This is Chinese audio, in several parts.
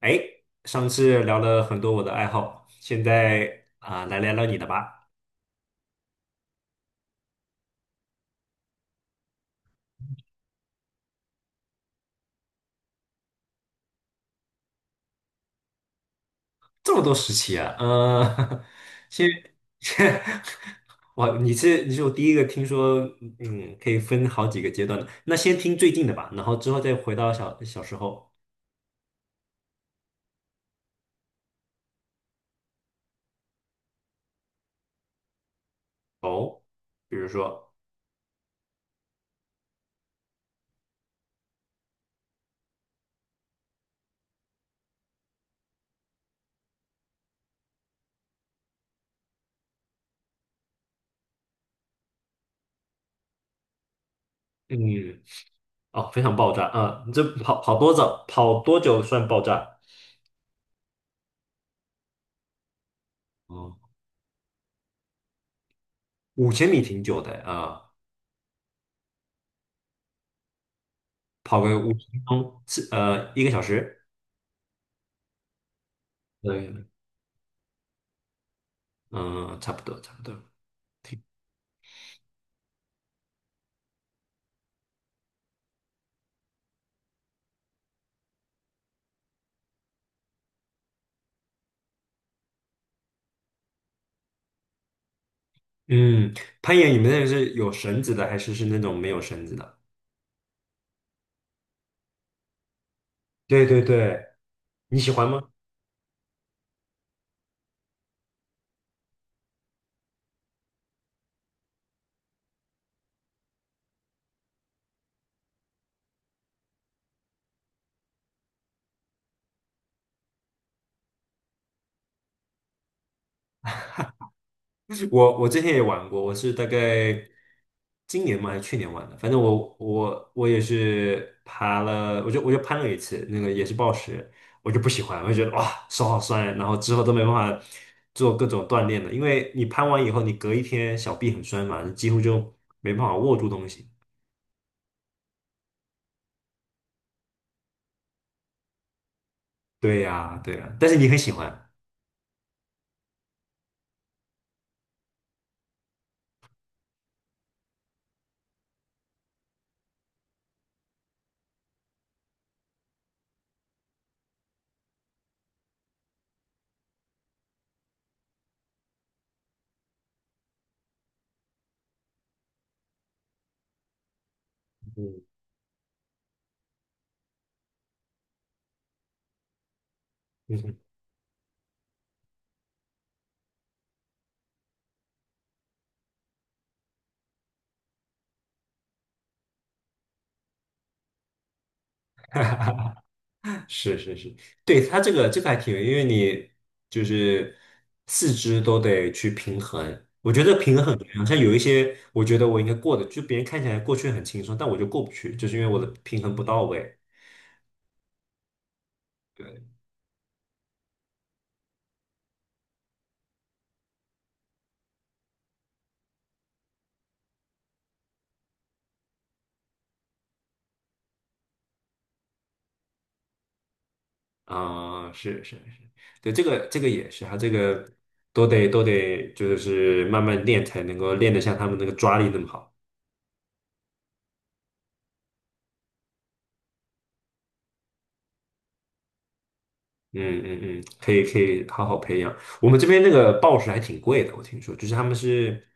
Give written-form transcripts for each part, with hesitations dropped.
哎，上次聊了很多我的爱好，现在啊、来聊聊你的吧。这么多时期啊，先先，哇，你是我第一个听说，嗯，可以分好几个阶段的。那先听最近的吧，然后之后再回到小时候哦，比如说，嗯，哦，非常爆炸啊、你这跑多早，跑多久算爆炸？哦，五千米挺久的啊、跑个五十分钟，是一个小时。对，嗯，差不多，差不多。嗯，攀岩，你们那个是有绳子的，还是是那种没有绳子的？对对对，你喜欢吗？我之前也玩过，我是大概今年嘛还是去年玩的，反正我也是爬了，我就攀了一次，那个也是暴食，我就不喜欢，我就觉得哇手好酸啊，然后之后都没办法做各种锻炼了，因为你攀完以后，你隔一天小臂很酸嘛，你几乎就没办法握住东西。对呀，对呀，但是你很喜欢。嗯。是是是，对，它这个还挺有因为你就是四肢都得去平衡。我觉得平衡很重要，像有一些我觉得我应该过的，就别人看起来过去很轻松，但我就过不去，就是因为我的平衡不到位。对，啊、是是是，对，这个也是，他这个都得就是慢慢练才能够练得像他们那个抓力那么好。嗯嗯嗯，可以可以好好培养。我们这边那个报纸还挺贵的，我听说，就是他们是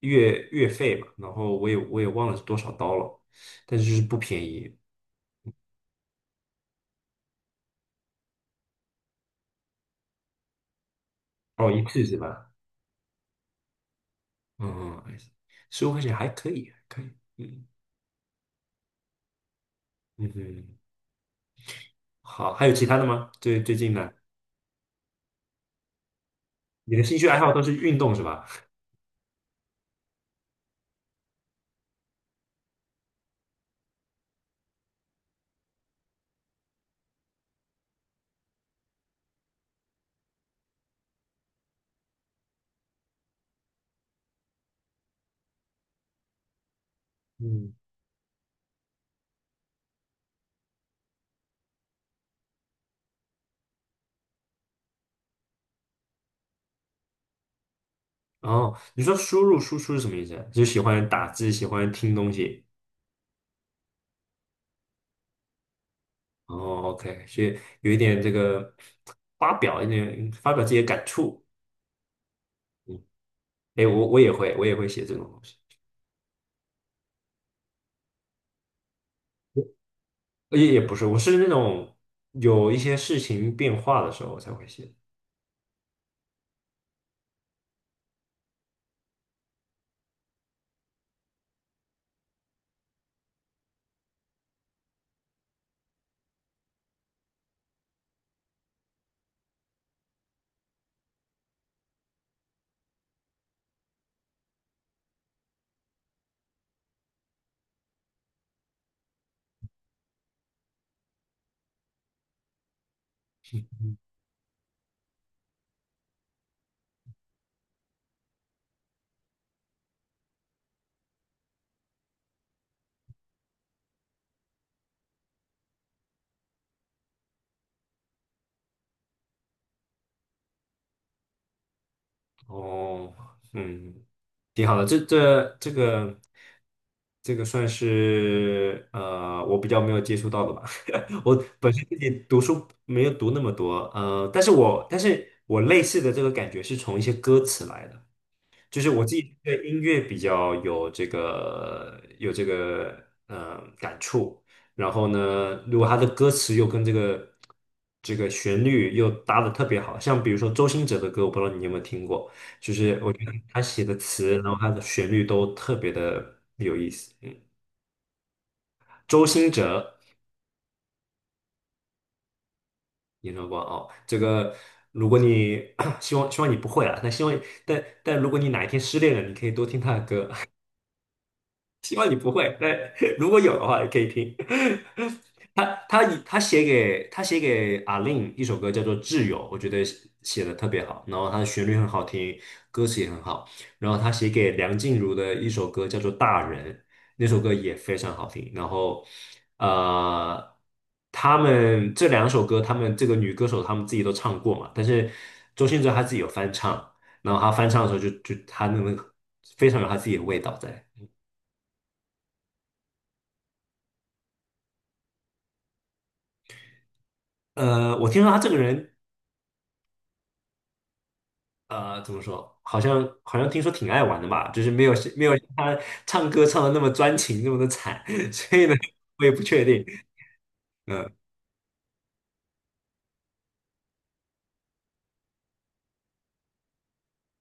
月月费嘛，然后我也忘了是多少刀了，但是就是不便宜哦，一次是吧？嗯嗯，十五块钱还可以，还可以，嗯嗯嗯，好，还有其他的吗？最最近的，你的兴趣爱好都是运动是吧？嗯，哦，你说输入输出是什么意思？就是喜欢打字，喜欢听东西。哦，OK,所以有一点这个发表自己的感触，嗯，哎，我也会写这种东西，也也不是，我是那种有一些事情变化的时候我才会写。哦，嗯，挺好的，这这个算是我比较没有接触到的吧，我本身自己读书没有读那么多，呃，但是我类似的这个感觉是从一些歌词来的。就是我自己对音乐比较有这个感触，然后呢，如果他的歌词又跟这个旋律又搭的特别好，像比如说周兴哲的歌，我不知道你有没有听过，就是我觉得他写的词，然后他的旋律都特别的有意思。嗯，周兴哲，你说过哦，这个如果你 希望你不会啊，但希望但如果你哪一天失恋了，你可以多听他的歌。希望你不会。那 如果有的话，也可以听。他写给阿令一首歌叫做《挚友》，我觉得写的特别好，然后他的旋律很好听，歌词也很好。然后他写给梁静茹的一首歌叫做《大人》，那首歌也非常好听。然后呃，他们这两首歌，他们这个女歌手他们自己都唱过嘛，但是周兴哲他自己有翻唱，然后他翻唱的时候就他那个非常有他自己的味道在。呃，我听说他这个人，呃，怎么说？好像听说挺爱玩的吧，就是没有他唱歌唱的那么专情，那么的惨，所以呢，我也不确定。嗯，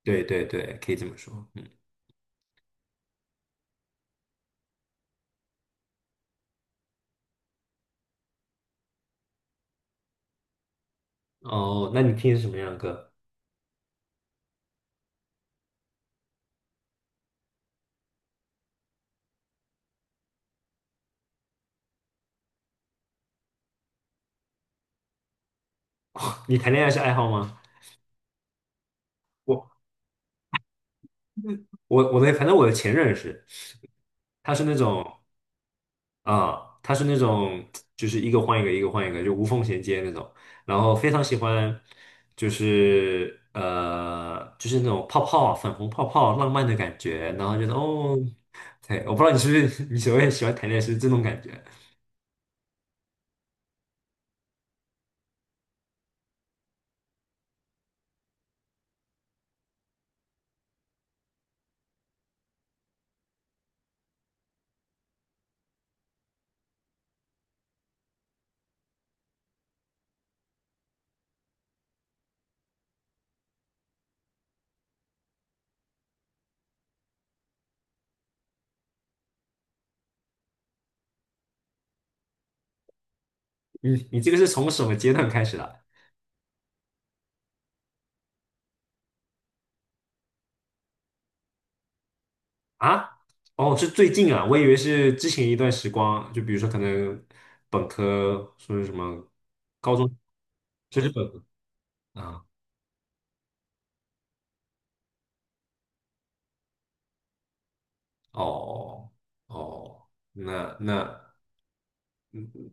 对对对，可以这么说。嗯，哦，那你听什么样的歌？你谈恋爱是爱好吗？我我的，反正我的前任是，他是那种。啊，他是那种就是一个换一个，一个换一个，就无缝衔接那种。然后非常喜欢，就是就是那种泡泡啊、粉红泡泡、浪漫的感觉。然后觉得哦，对，我不知道你是不是 你所谓喜欢谈恋爱是这种感觉。你你这个是从什么阶段开始的啊？哦，是最近啊，我以为是之前一段时光，就比如说可能本科说是什么高中，就是本科啊，哦哦。那那嗯嗯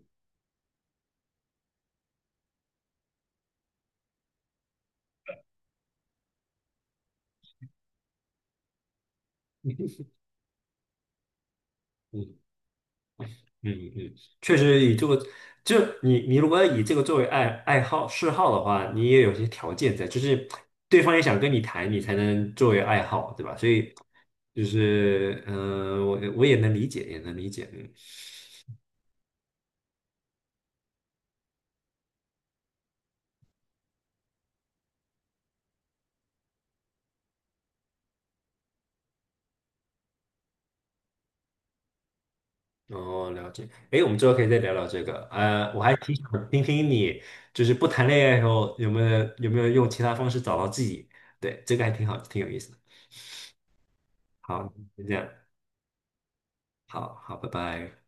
嗯嗯，确实以这个，就你如果以这个作为爱好嗜好的话，你也有些条件在，就是对方也想跟你谈，你才能作为爱好，对吧？所以就是嗯、我也能理解，也能理解，嗯，哦，了解。哎，我们之后可以再聊聊这个。呃，我还挺想听听你，就是不谈恋爱时候有没有用其他方式找到自己？对，这个还挺好，挺有意思的。好，就这样，好好，拜拜。